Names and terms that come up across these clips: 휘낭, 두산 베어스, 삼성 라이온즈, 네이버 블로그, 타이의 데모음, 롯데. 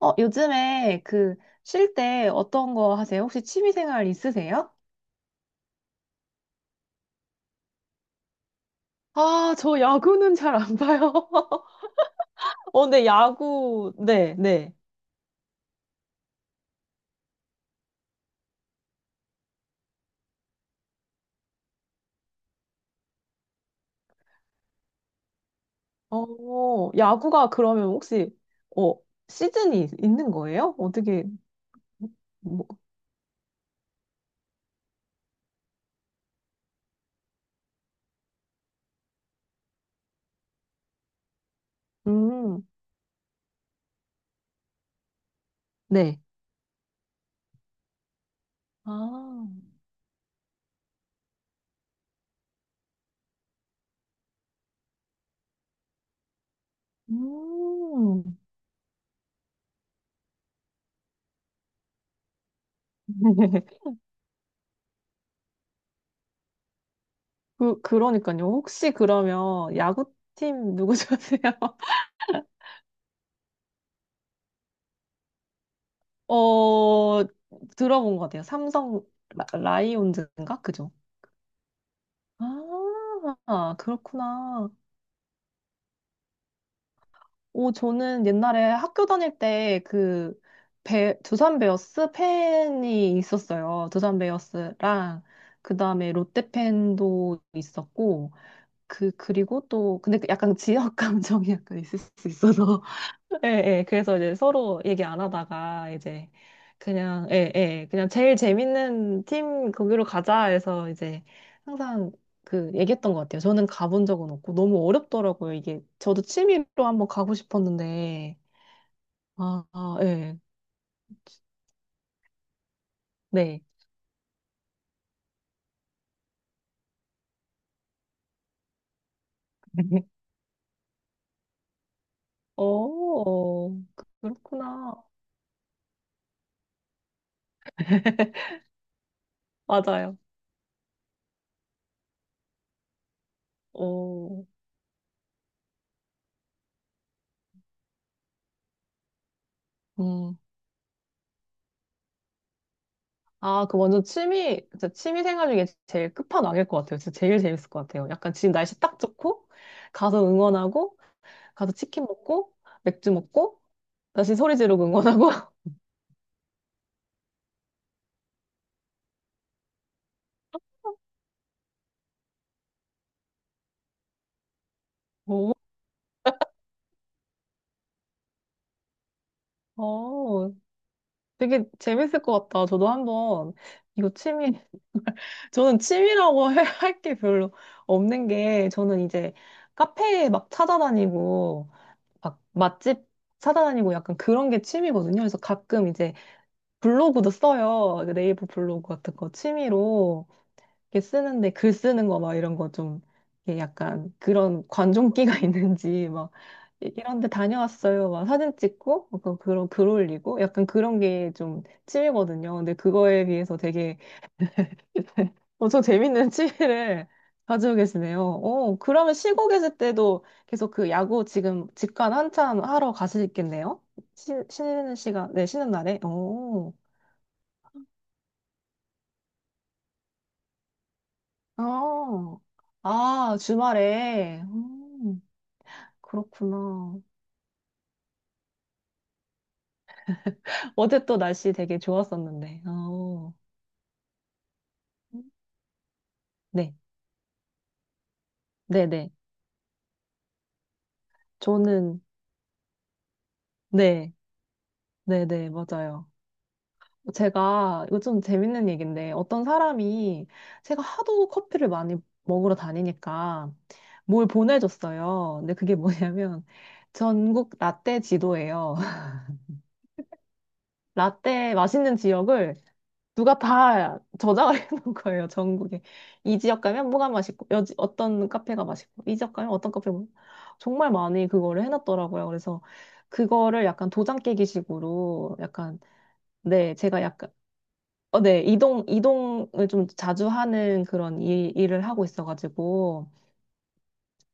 요즘에 그 쉴 때 어떤 거 하세요? 혹시 취미 생활 있으세요? 아, 저 야구는 잘 안 봐요. 어, 데 야구, 네, 네. 어, 야구가 그러면 혹시, 어, 시즌이 있는 거예요? 어떻게, 뭐, 음, 네. 아, 음. 그, 그러니까요. 혹시 그러면 야구팀 누구 좋아하세요? 어, 들어본 것 같아요. 삼성 라이온즈인가? 그죠? 아, 그렇구나. 오, 저는 옛날에 학교 다닐 때 그 두산 베어스 팬이 있었어요. 두산 베어스랑 그다음에 롯데 팬도 있었고 그 그리고 또 근데 그 약간 지역 감정이 약간 있을 수 있어서 예, 예. 그래서 이제 서로 얘기 안 하다가 이제 그냥, 예, 예. 그냥 제일 재밌는 팀 거기로 가자 해서 이제 항상 그 얘기했던 것 같아요. 저는 가본 적은 없고 너무 어렵더라고요. 이게 저도 취미로 한번 가고 싶었는데. 아, 아, 예. 네. 어, 그렇구나. 맞아요. 어. 음. 아, 그 완전 취미, 진짜 취미 생활 중에 제일 끝판왕일 것 같아요. 진짜 제일 재밌을 것 같아요. 약간 지금 날씨 딱 좋고, 가서 응원하고, 가서 치킨 먹고, 맥주 먹고, 다시 소리 지르고 응원하고. 오, 어, 되게 재밌을 것 같다. 저도 한번, 이거 취미, 저는 취미라고 할 게 별로 없는 게, 저는 이제 카페 막 찾아다니고, 막 맛집 찾아다니고 약간 그런 게 취미거든요. 그래서 가끔 이제 블로그도 써요. 그 네이버 블로그 같은 거 취미로 이렇게 쓰는데 글 쓰는 거 막 이런 거 좀 약간 그런 관종기가 있는지 막 이런 데 다녀왔어요. 막 사진 찍고 약간 그런 글 올리고 약간 그런 게 좀 취미거든요. 근데 그거에 비해서 되게 엄청 재밌는 취미를 가지고 계시네요. 어, 그러면 쉬고 계실 때도 계속 그 야구 지금 직관 한참 하러 가시겠네요? 쉬는 시간, 네, 쉬는 날에. 어. 어, 아, 주말에. 그렇구나. 어제 또 날씨 되게 좋았었는데. 어, 네, 네 네. 저는, 네, 네 네, 맞아요. 제가 요즘 재밌는 얘기인데 어떤 사람이 제가 하도 커피를 많이 먹으러 다니니까 뭘 보내줬어요. 근데 그게 뭐냐면 전국 라떼 지도예요. 라떼 맛있는 지역을 누가 다 저장을 해놓은 거예요, 전국에. 이 지역 가면 뭐가 맛있고, 여지, 어떤 카페가 맛있고, 이 지역 가면 어떤 카페가 맛있고. 정말 많이 그거를 해놨더라고요. 그래서 그거를 약간 도장 깨기 식으로 약간, 네, 제가 약간, 어, 네, 이동을 좀 자주 하는 그런 일을 하고 있어가지고,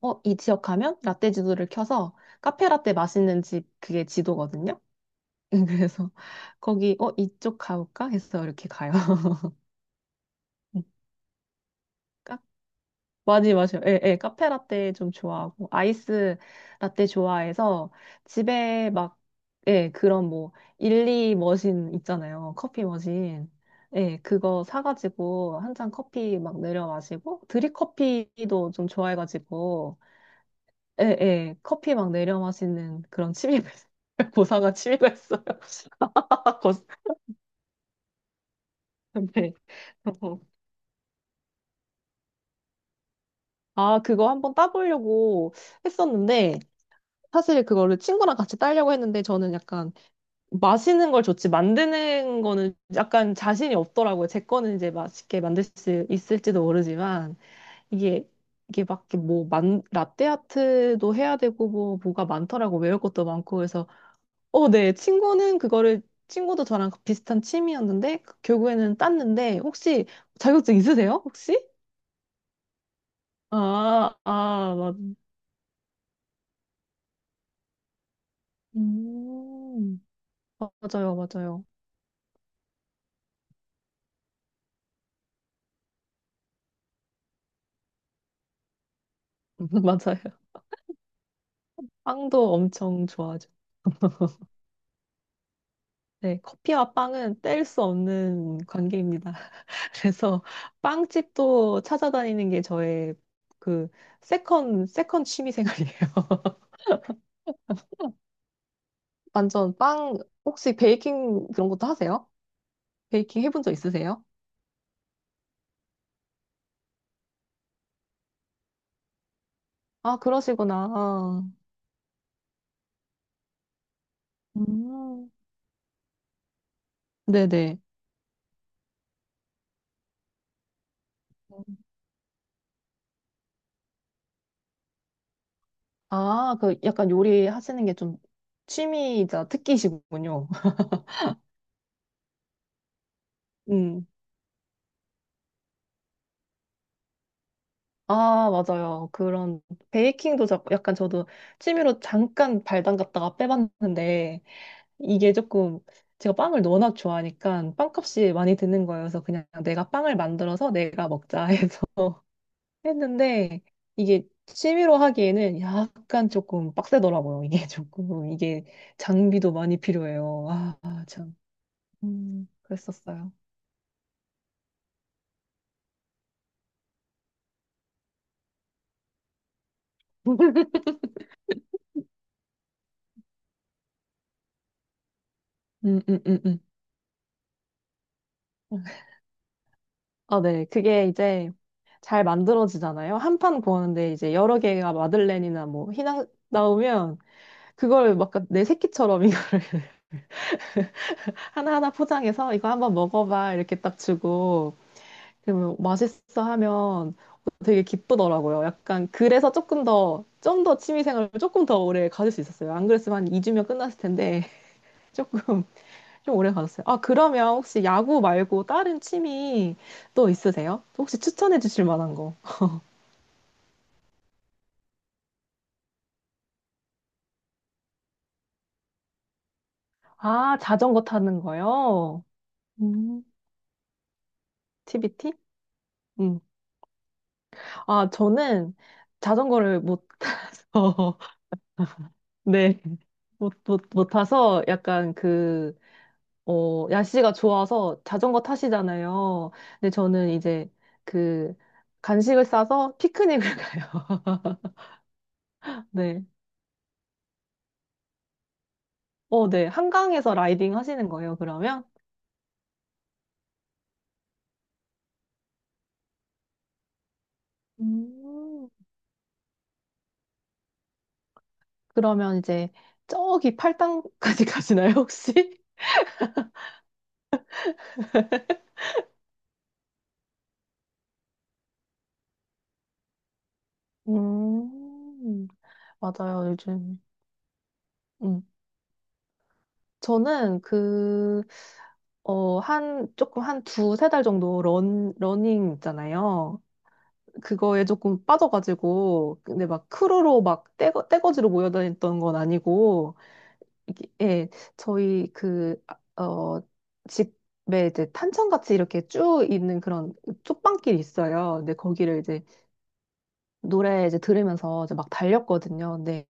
어, 이 지역 가면 라떼 지도를 켜서 카페 라떼 맛있는 집 그게 지도거든요. 그래서 거기, 어, 이쪽 가볼까? 해서 이렇게 가요. 맞이 맞아요. 예, 예. 카페 라떼 좀 좋아하고 아이스 라떼 좋아해서 집에 막 예, 그런 뭐 일리 머신 있잖아요. 커피 머신. 예, 그거 사가지고 한 잔 커피 막 내려 마시고 드립 커피도 좀 좋아해가지고 예, 예. 커피 막 내려 마시는 그런 취미가 있어요. 고사가 취미가 있어요. 아, 고... 네. 어. 아, 그거 한번 따보려고 했었는데 사실 그거를 친구랑 같이 따려고 했는데 저는 약간 마시는 걸 좋지 만드는 거는 약간 자신이 없더라고요. 제 거는 이제 맛있게 만들 수 있을지도 모르지만 이게 이게 막뭐만 라떼 아트도 해야 되고 뭐가 많더라고 외울 것도 많고 그래서 어, 네 친구는 그거를 친구도 저랑 비슷한 취미였는데 그 결국에는 땄는데 혹시 자격증 있으세요? 혹시? 아, 아, 맞, 음, 맞아요, 맞아요. 빵도 엄청 좋아. 네, 커피와 빵은 뗄 수 없는 관계입니다. 그래서 빵집도 찾아다니는 게 저의 그 세컨 취미 생활이에요. 완전 빵, 혹시 베이킹 그런 것도 하세요? 베이킹 해본 적 있으세요? 아, 그러시구나. 음, 네네. 아, 그 약간 요리 하시는 게 좀 취미이자 특기시군요. 음. 아, 맞아요. 그런 베이킹도 자- 약간 저도 취미로 잠깐 발 담갔다가 빼봤는데 이게 조금 제가 빵을 워낙 좋아하니까 빵값이 많이 드는 거여서 그냥 내가 빵을 만들어서 내가 먹자 해서 했는데 이게 취미로 하기에는 약간 조금 빡세더라고요. 이게 조금 이게 장비도 많이 필요해요. 아, 아, 참. 그랬었어요. 음, 음, 음, 음. 아, 네. 그게 이제 잘 만들어지잖아요. 한 판 구하는데 이제 여러 개가 마들렌이나 뭐 휘낭 나오면 그걸 막 내 새끼처럼 이거를 하나하나 포장해서 이거 한번 먹어봐 이렇게 딱 주고 그러면 맛있어 하면 되게 기쁘더라고요. 약간 그래서 조금 더 좀 더 취미생활을 조금 더 오래 가질 수 있었어요. 안 그랬으면 한 2주면 끝났을 텐데 조금 좀 오래 가졌어요. 아, 그러면 혹시 야구 말고 다른 취미 또 있으세요? 혹시 추천해 주실 만한 거? 아, 자전거 타는 거요? 음, TBT? 음. 아, 저는 자전거를 못 타서, 네, 못 타서 약간 그, 어, 날씨가 좋아서 자전거 타시잖아요. 근데 저는 이제 그 간식을 싸서 피크닉을 가요. 네. 어, 네. 한강에서 라이딩 하시는 거예요, 그러면? 음. 그러면 이제 저기 팔당까지 가시나요, 혹시? 음, 맞아요, 요즘. 음. 저는 그, 어, 한, 조금 한 두세 달 정도 러닝 있잖아요. 그거에 조금 빠져가지고, 근데 막 크루로 막 떼거지로 모여다녔던 건 아니고, 이게, 예, 저희 그, 아, 어, 집에 이제 탄천같이 이렇게 쭉 있는 그런 쪽방길이 있어요. 근데 거기를 이제 노래 이제 들으면서 이제 막 달렸거든요. 근데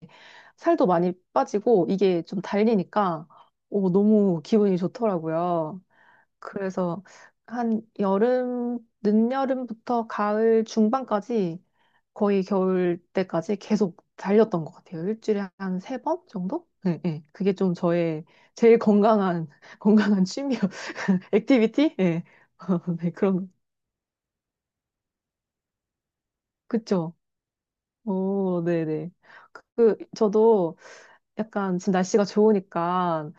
살도 많이 빠지고 이게 좀 달리니까 오, 너무 기분이 좋더라고요. 그래서 한 여름, 늦여름부터 가을 중반까지 거의 겨울 때까지 계속 달렸던 것 같아요. 일주일에 한 3번 정도? 네, 네. 그게 좀 저의 제일 건강한, 건강한 취미, 액티비티? 네. 네, 그런, 그쵸. 오, 네네. 그, 저도 약간 지금 날씨가 좋으니까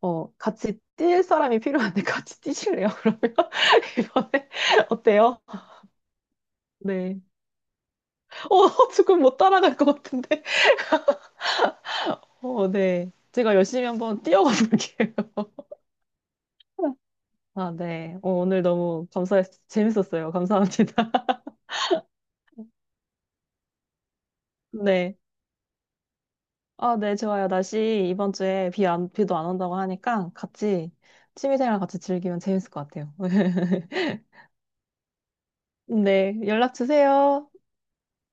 어 같이 뛸 사람이 필요한데 같이 뛰실래요? 그러면 이번에 어때요? 네. 어 조금 못 따라갈 것 같은데. 어 네. 제가 열심히 한번 뛰어가 볼게요. 아 네. 어, 오늘 너무 감사했 재밌었어요. 감사합니다. 네. 아 네 좋아요. 날씨 이번 주에 비 안, 비도 안 온다고 하니까 같이 취미생활 같이 즐기면 재밌을 것 같아요. 네 연락 주세요.